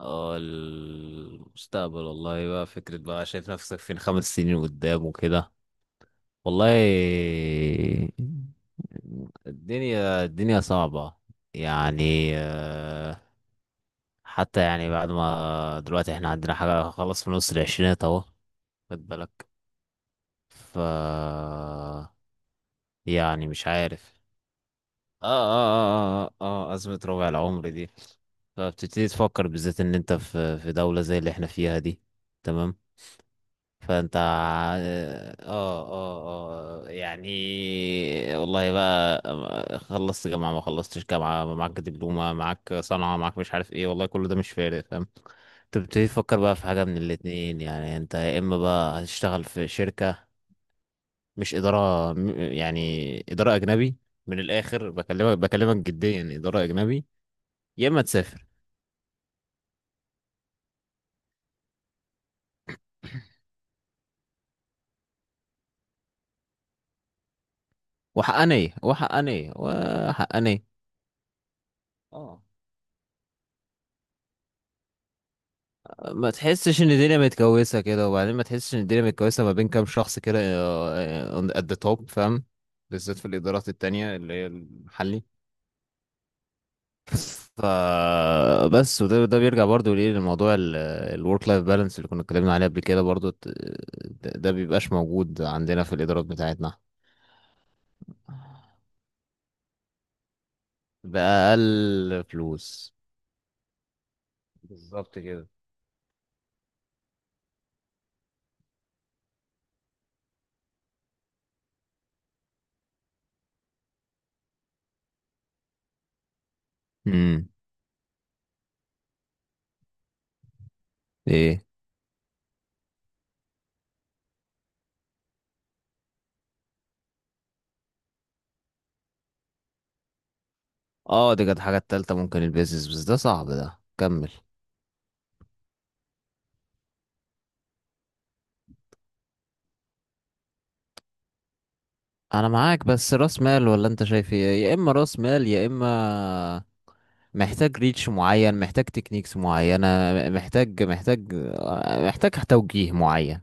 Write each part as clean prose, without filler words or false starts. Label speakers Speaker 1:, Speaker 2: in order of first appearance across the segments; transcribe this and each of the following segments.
Speaker 1: اه، المستقبل، والله بقى فكرة. بقى شايف نفسك فين 5 سنين قدام وكده؟ والله الدنيا صعبة يعني. حتى يعني بعد ما دلوقتي احنا عندنا حاجة خلاص في نص العشرينات اهو، خد بالك. ف يعني مش عارف. اه، أزمة ربع العمر دي. فبتبتدي تفكر بالذات ان انت في دولة زي اللي احنا فيها دي. تمام. فانت ع- اه اه اه يعني، والله بقى خلصت جامعة، ما خلصتش جامعة، معاك دبلومة، معاك صنعة، معاك مش عارف ايه، والله كل ده مش فارق، فاهم؟ تبتدي تفكر بقى في حاجة من الاتنين. يعني انت يا اما بقى هتشتغل في شركة، مش إدارة، يعني إدارة أجنبي. من الآخر، بكلمك جديا، إدارة أجنبي. يا اما تسافر. وحقانية، وحقانية، وحقانية. اه. ما تحسش ان الدنيا متكوسه كده؟ وبعدين ما تحسش ان الدنيا متكوسه ما بين كام شخص كده، ات ذا توب، فاهم؟ بالذات في الادارات التانية اللي هي المحلي. ف بس، وده بيرجع برضو ليه لموضوع الورك لايف بالانس اللي كنا اتكلمنا عليه قبل كده برضو. ده بيبقاش موجود عندنا في الادارات بتاعتنا. بأقل فلوس. بالظبط كده. امم. ايه. اه، دي كانت حاجة التالتة. ممكن البيزنس، بس ده صعب. ده كمل. انا معاك، بس راس مال ولا انت شايف ايه؟ يا اما راس مال، يا اما محتاج ريتش معين، محتاج تكنيكس معينة. محتاج محتاج محتاج توجيه معين.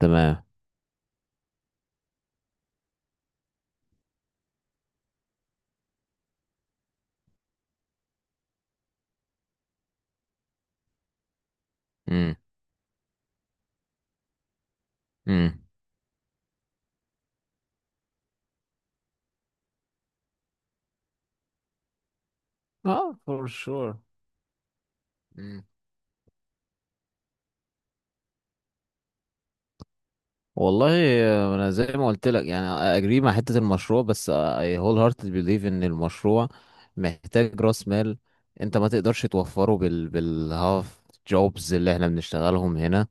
Speaker 1: تمام. امم. امم. اه، فور شور. والله، انا زي ما قلت لك يعني، اجري مع حتة المشروع، بس اي هول هارتد بليف ان المشروع محتاج راس مال. انت ما تقدرش توفره بالهاف جوبز اللي احنا بنشتغلهم هنا.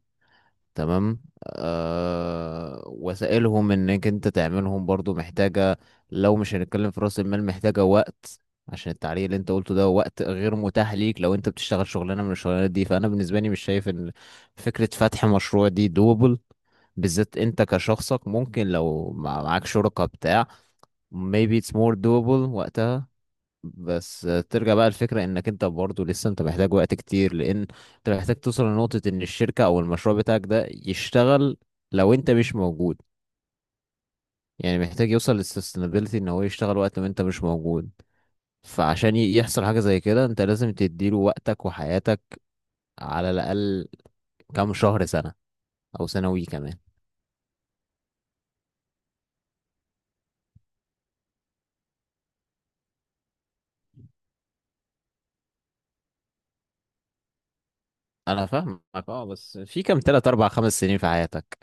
Speaker 1: تمام. وسائلهم انك انت تعملهم برضو محتاجة، لو مش هنتكلم في رأس المال، محتاجة وقت. عشان التعليق اللي انت قلته، ده وقت غير متاح ليك لو انت بتشتغل شغلانة من الشغلانات دي. فانا بالنسبة لي مش شايف ان فكرة فتح مشروع دي دوبل. بالذات انت كشخصك، ممكن لو معاك شركة بتاع maybe it's more doable وقتها. بس ترجع بقى الفكرة انك انت برضه لسه انت محتاج وقت كتير، لان انت محتاج توصل لنقطة ان الشركة او المشروع بتاعك ده يشتغل لو انت مش موجود. يعني محتاج يوصل للسستينابيلتي، ان هو يشتغل وقت ما انت مش موجود. فعشان يحصل حاجة زي كده، انت لازم تديله وقتك وحياتك، على الاقل كام شهر، سنة، او سنوي كمان. انا فاهمك. اه، بس في كام تلات اربع خمس سنين في حياتك؟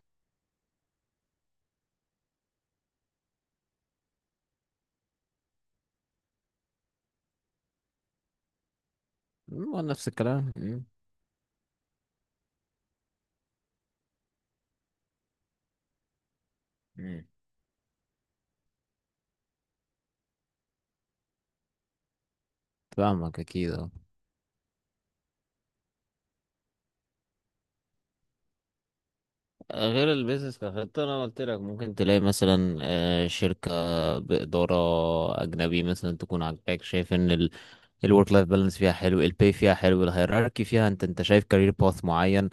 Speaker 1: مم، نفس الكلام مم. مم. فاهمك اكيد آه. غير البيزنس كخطة، أنا قلت لك ممكن تلاقي مثلا، شركة بإدارة أجنبي مثلا، تكون عاجباك، شايف إن الورك لايف بالانس فيها حلو، الباي فيها حلو، الهيراركي فيها، أنت شايف كارير باث معين،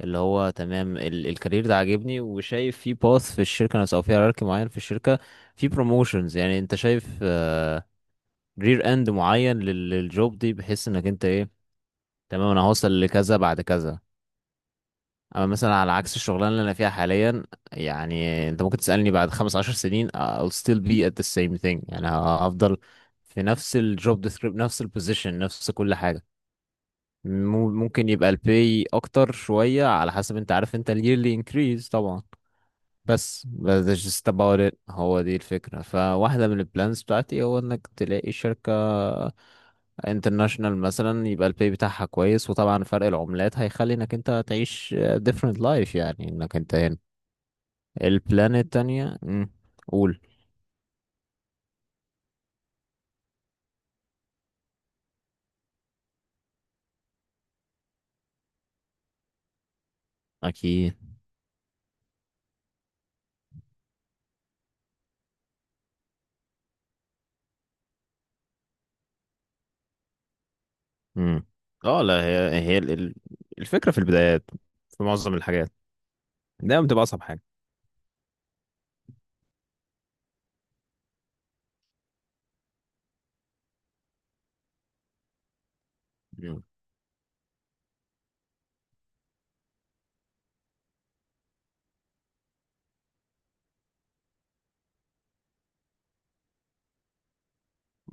Speaker 1: اللي هو تمام، الكارير ده عاجبني، وشايف في باث في الشركة نفسها أو في هيراركي معين في الشركة، في بروموشنز، يعني أنت شايف رير إند معين للجوب دي، بحيث إنك أنت إيه، تمام، أنا هوصل لكذا بعد كذا. اما مثلا على عكس الشغلانه اللي انا فيها حاليا، يعني انت ممكن تسالني بعد 15 سنين I'll still be at the same thing. يعني هفضل في نفس الجوب ديسكريب، نفس البوزيشن، نفس كل حاجه. ممكن يبقى البي اكتر شويه، على حسب، انت عارف انت yearly increase طبعا. بس that's just about it. هو دي الفكرة. فواحدة من البلانز بتاعتي هو انك تلاقي شركة international مثلا، يبقى البي بتاعها كويس، وطبعا فرق العملات هيخلي انك انت تعيش different life يعني انك انت هنا. البلان التانية مم، قول. اكيد. مم. اه لا، هي الفكرة في البدايات، في معظم الحاجات، دايما بتبقى اصعب حاجة. مم.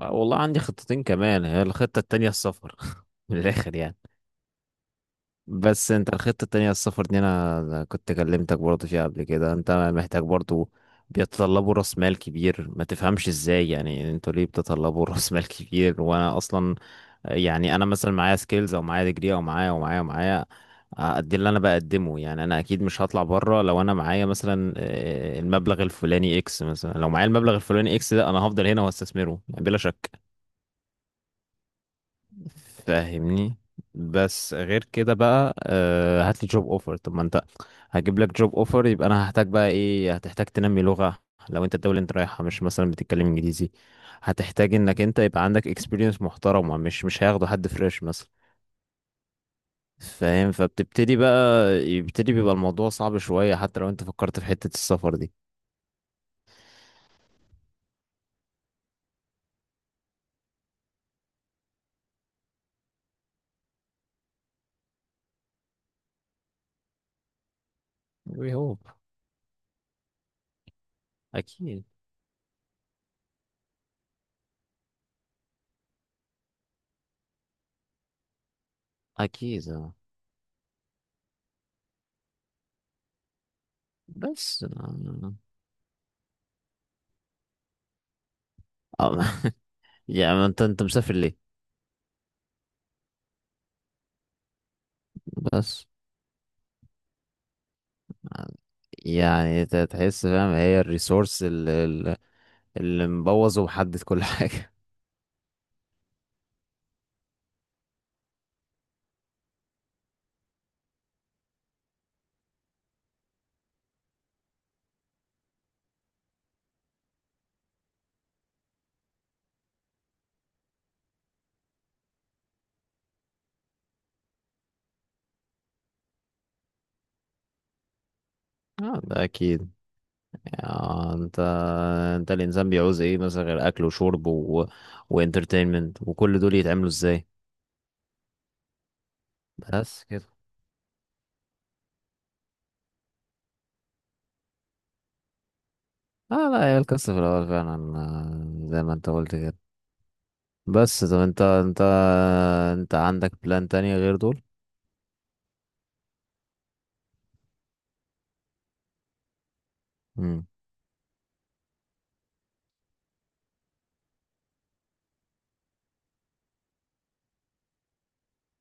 Speaker 1: والله عندي خطتين كمان. هي الخطة التانية السفر من الاخر يعني. بس انت الخطة التانية السفر دي، أنا كنت كلمتك برضه فيها قبل كده. انت محتاج برضه، بيتطلبوا راس مال كبير. ما تفهمش ازاي يعني انتوا ليه بتطلبوا راس مال كبير وانا اصلا، يعني انا مثلا معايا سكيلز، او معايا ديجري، او معايا ومعايا ومعايا، قد اللي انا بقدمه. يعني انا اكيد مش هطلع بره لو انا معايا مثلا، المبلغ الفلاني اكس. مثلا لو معايا المبلغ الفلاني اكس ده، انا هفضل هنا واستثمره يعني، بلا شك. فاهمني؟ بس غير كده بقى، هات لي جوب اوفر. طب ما انت هجيب لك جوب اوفر، يبقى انا هحتاج بقى ايه؟ هتحتاج تنمي لغة، لو انت الدولة اللي انت رايحها مش مثلا بتتكلم انجليزي، هتحتاج انك انت يبقى عندك اكسبيرينس محترمة. مش هياخده حد فريش مثلا. فاهم، فبتبتدي بقى، يبتدي بيبقى الموضوع صعب شوية حتى لو انت فكرت في حتة السفر دي. وي هوب. اكيد، اكيد آه. بس. آه، يعني انت مسافر ليه؟ بس يعني، انت تحس فاهم، هي الريسورس اللي مبوظ ومحدد كل حاجة. اه، ده اكيد. يعني، انت الانسان بيعوز ايه مثلا غير اكل وشرب وانترتينمنت، وكل دول يتعملوا ازاي؟ بس كده. اه لا، هي القصة في الاول فعلا، زي ما انت قلت كده. بس طب انت عندك بلان تانية غير دول؟ مم.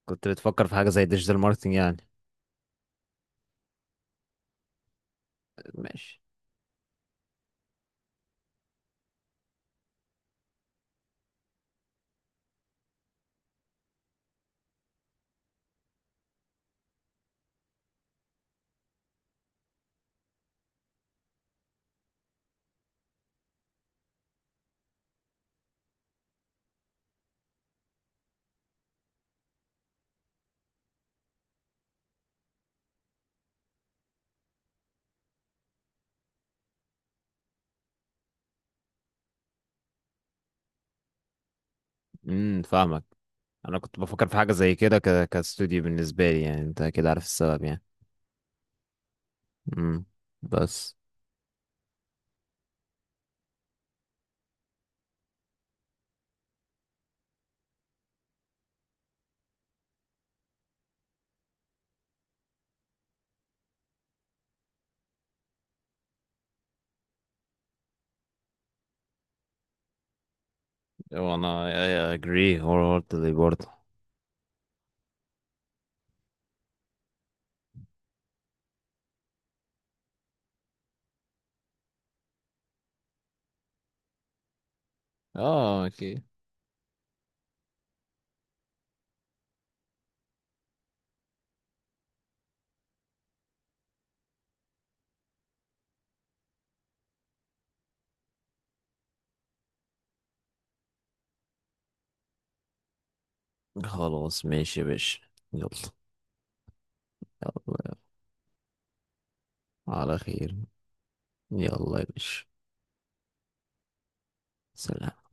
Speaker 1: كنت بتفكر في حاجة زي ديجيتال ماركتنج يعني؟ ماشي. فاهمك. انا كنت بفكر في حاجه زي كده، كاستوديو بالنسبه لي، يعني انت كده عارف السبب يعني. امم. بس. وانا I agree wholeheartedly برضه. اه، اوكي. خلاص ماشي يا باشا. يلا. يلا. على خير. يلا يا باشا. سلام.